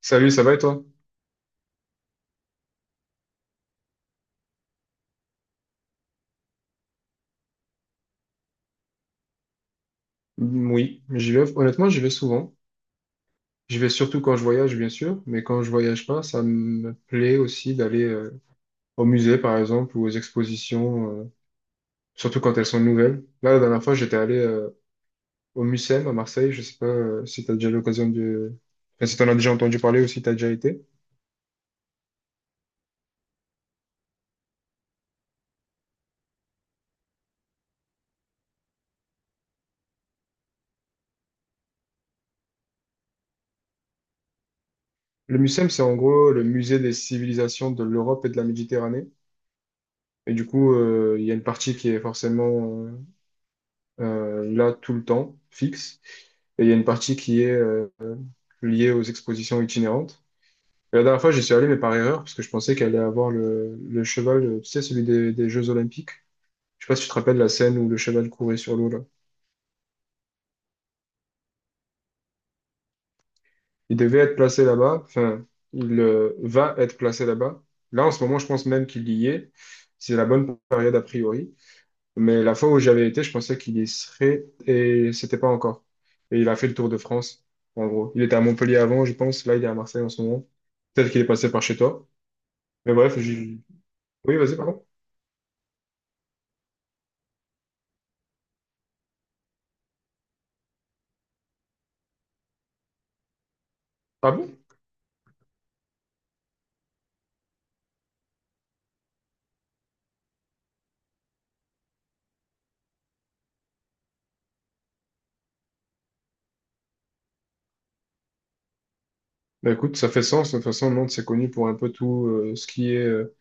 Salut, ça va et toi? Mm, oui, j'y vais. Honnêtement, j'y vais souvent. J'y vais surtout quand je voyage, bien sûr, mais quand je voyage pas, ça me plaît aussi d'aller au musée, par exemple, ou aux expositions, surtout quand elles sont nouvelles. Là, la dernière fois, j'étais allé au MUCEM à Marseille. Je sais pas si tu as déjà eu l'occasion de... enfin, si tu en as déjà entendu parler ou si tu as déjà été. Le Mucem, c'est en gros le musée des civilisations de l'Europe et de la Méditerranée. Et du coup, il y a une partie qui est forcément là tout le temps, fixe. Et il y a une partie qui est liée aux expositions itinérantes. Et la dernière fois, j'y suis allé, mais par erreur, parce que je pensais qu'elle allait avoir le cheval, tu sais, celui des Jeux Olympiques. Je sais pas si tu te rappelles la scène où le cheval courait sur l'eau, là. Il devait être placé là-bas, enfin, il va être placé là-bas. Là, en ce moment, je pense même qu'il y est. C'est la bonne période, a priori. Mais la fois où j'avais été, je pensais qu'il y serait et c'était pas encore. Et il a fait le tour de France, en gros. Il était à Montpellier avant, je pense. Là, il est à Marseille en ce moment. Peut-être qu'il est passé par chez toi. Mais bref, j'ai... Oui, vas-y, pardon. Ah bon? Bah écoute, ça fait sens. De toute façon, Nantes, c'est connu pour un peu tout ce qui est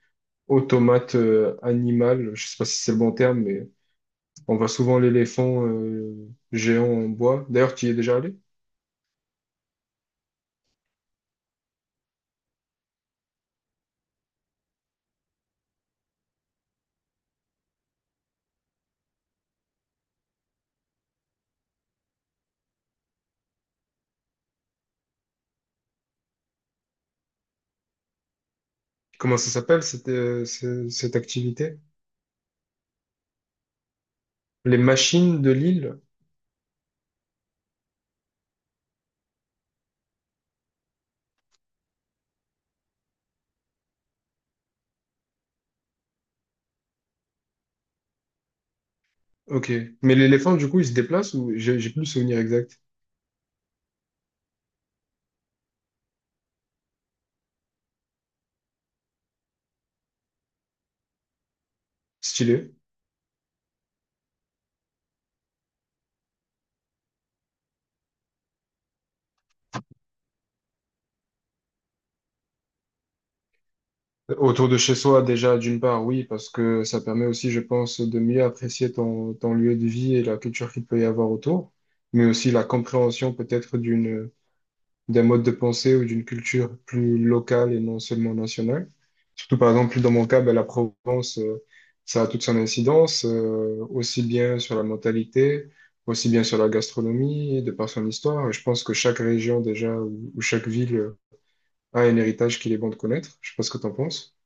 automate animal. Je sais pas si c'est le bon terme, mais on voit souvent l'éléphant géant en bois. D'ailleurs, tu y es déjà allé? Comment ça s'appelle cette, cette activité? Les machines de l'île? Ok. Mais l'éléphant, du coup, il se déplace ou j'ai plus le souvenir exact? Stylé. Autour de chez soi, déjà, d'une part, oui, parce que ça permet aussi, je pense, de mieux apprécier ton lieu de vie et la culture qu'il peut y avoir autour, mais aussi la compréhension peut-être d'un mode de pensée ou d'une culture plus locale et non seulement nationale. Surtout, par exemple, dans mon cas, ben, la Provence, ça a toute son incidence, aussi bien sur la mentalité, aussi bien sur la gastronomie, de par son histoire. Et je pense que chaque région, déjà, ou chaque ville a un héritage qu'il est bon de connaître. Je sais pas ce que tu en penses.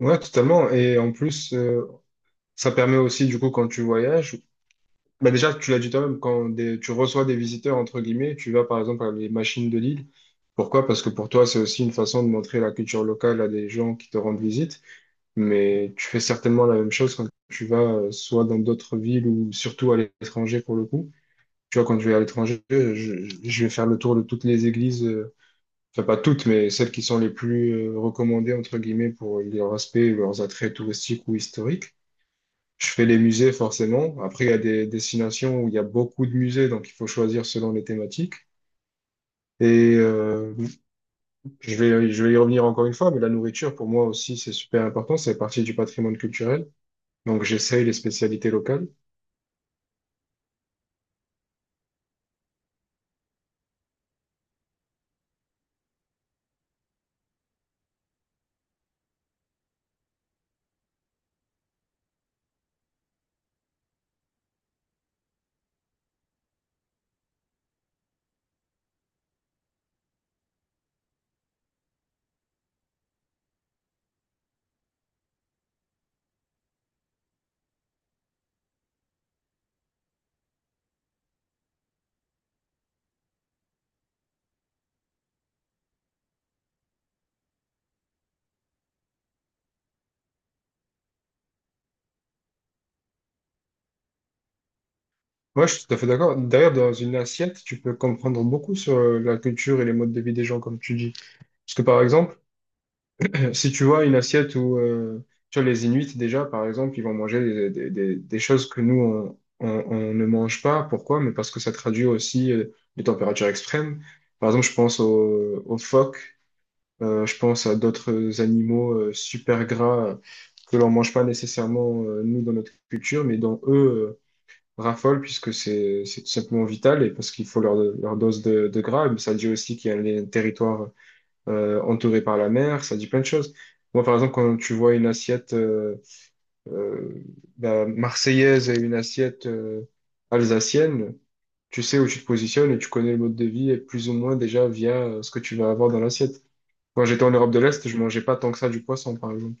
Ouais, totalement. Et en plus, ça permet aussi, du coup, quand tu voyages, bah déjà, tu l'as dit toi-même, quand tu reçois des visiteurs, entre guillemets, tu vas par exemple à les machines de Lille. Pourquoi? Parce que pour toi, c'est aussi une façon de montrer la culture locale à des gens qui te rendent visite. Mais tu fais certainement la même chose quand tu vas soit dans d'autres villes ou surtout à l'étranger pour le coup. Tu vois, quand je vais à l'étranger, je vais faire le tour de toutes les églises, enfin pas toutes, mais celles qui sont les plus recommandées, entre guillemets, pour leur aspect, leurs attraits touristiques ou historiques. Je fais les musées forcément. Après, il y a des destinations où il y a beaucoup de musées, donc il faut choisir selon les thématiques. Et je vais y revenir encore une fois, mais la nourriture, pour moi aussi, c'est super important. C'est partie du patrimoine culturel. Donc, j'essaye les spécialités locales. Ouais, je suis tout à fait d'accord. D'ailleurs, dans une assiette, tu peux comprendre beaucoup sur la culture et les modes de vie des gens, comme tu dis. Parce que, par exemple, si tu vois une assiette où tu vois, les Inuits, déjà, par exemple, ils vont manger des choses que nous, on ne mange pas. Pourquoi? Mais parce que ça traduit aussi les températures extrêmes. Par exemple, je pense aux phoques, je pense à d'autres animaux super gras que l'on mange pas nécessairement, nous, dans notre culture, mais dont eux raffolent puisque c'est tout simplement vital et parce qu'il faut leur dose de gras. Mais ça dit aussi qu'il y a les territoires entouré par la mer, ça dit plein de choses. Moi, par exemple, quand tu vois une assiette euh, bah, marseillaise et une assiette alsacienne, tu sais où tu te positionnes et tu connais le mode de vie et plus ou moins déjà via ce que tu vas avoir dans l'assiette. Quand j'étais en Europe de l'Est, je mangeais pas tant que ça du poisson, par exemple.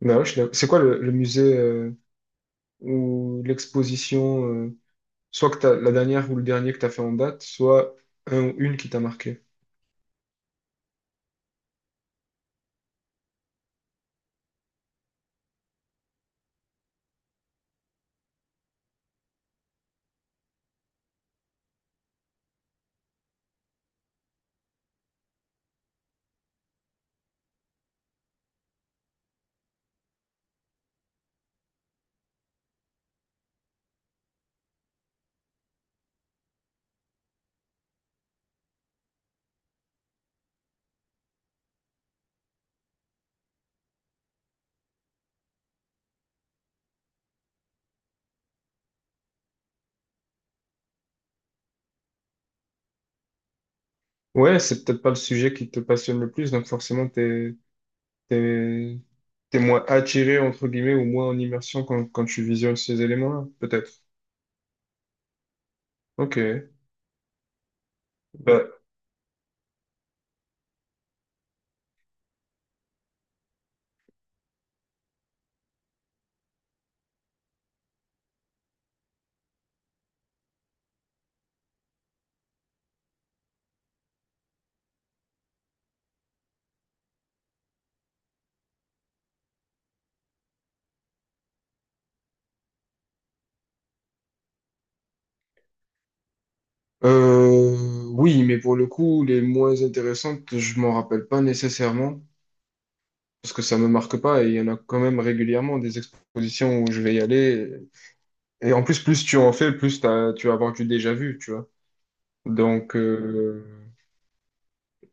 Mais ouais, je suis d'accord. C'est quoi le musée ou l'exposition, soit que t'as, la dernière ou le dernier que tu as fait en date, soit un ou une qui t'a marqué? Ouais, c'est peut-être pas le sujet qui te passionne le plus, donc forcément, T'es, t'es moins attiré, entre guillemets, ou moins en immersion quand tu visionnes ces éléments-là, peut-être. Ok. Bah, euh, oui, mais pour le coup, les moins intéressantes, je m'en rappelle pas nécessairement, parce que ça me marque pas, et il y en a quand même régulièrement des expositions où je vais y aller. Et en plus, plus tu en fais, tu vas avoir du déjà vu, tu vois. Donc, euh,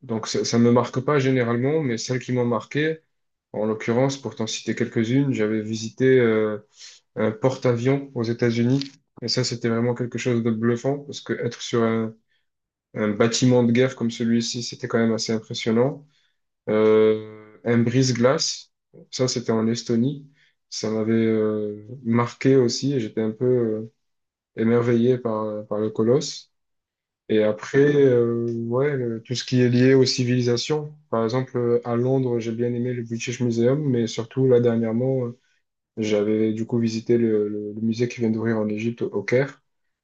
donc ça, ça me marque pas généralement, mais celles qui m'ont marqué, en l'occurrence, pour t'en citer quelques-unes, j'avais visité... un porte-avions aux États-Unis. Et ça, c'était vraiment quelque chose de bluffant parce que être un bâtiment de guerre comme celui-ci, c'était quand même assez impressionnant. Un brise-glace, ça, c'était en Estonie. Ça m'avait marqué aussi et j'étais un peu émerveillé par le colosse. Et après, ouais, tout ce qui est lié aux civilisations. Par exemple, à Londres, j'ai bien aimé le British Museum, mais surtout, là, dernièrement, j'avais du coup visité le musée qui vient d'ouvrir en Égypte, au Caire,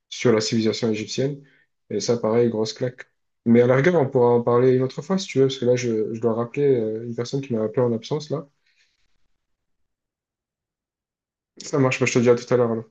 sur la civilisation égyptienne. Et ça, pareil, grosse claque. Mais à la rigueur, on pourra en parler une autre fois si tu veux, parce que là, je dois rappeler une personne qui m'a appelé en absence, là. Ça marche, bah, je te dis à tout à l'heure.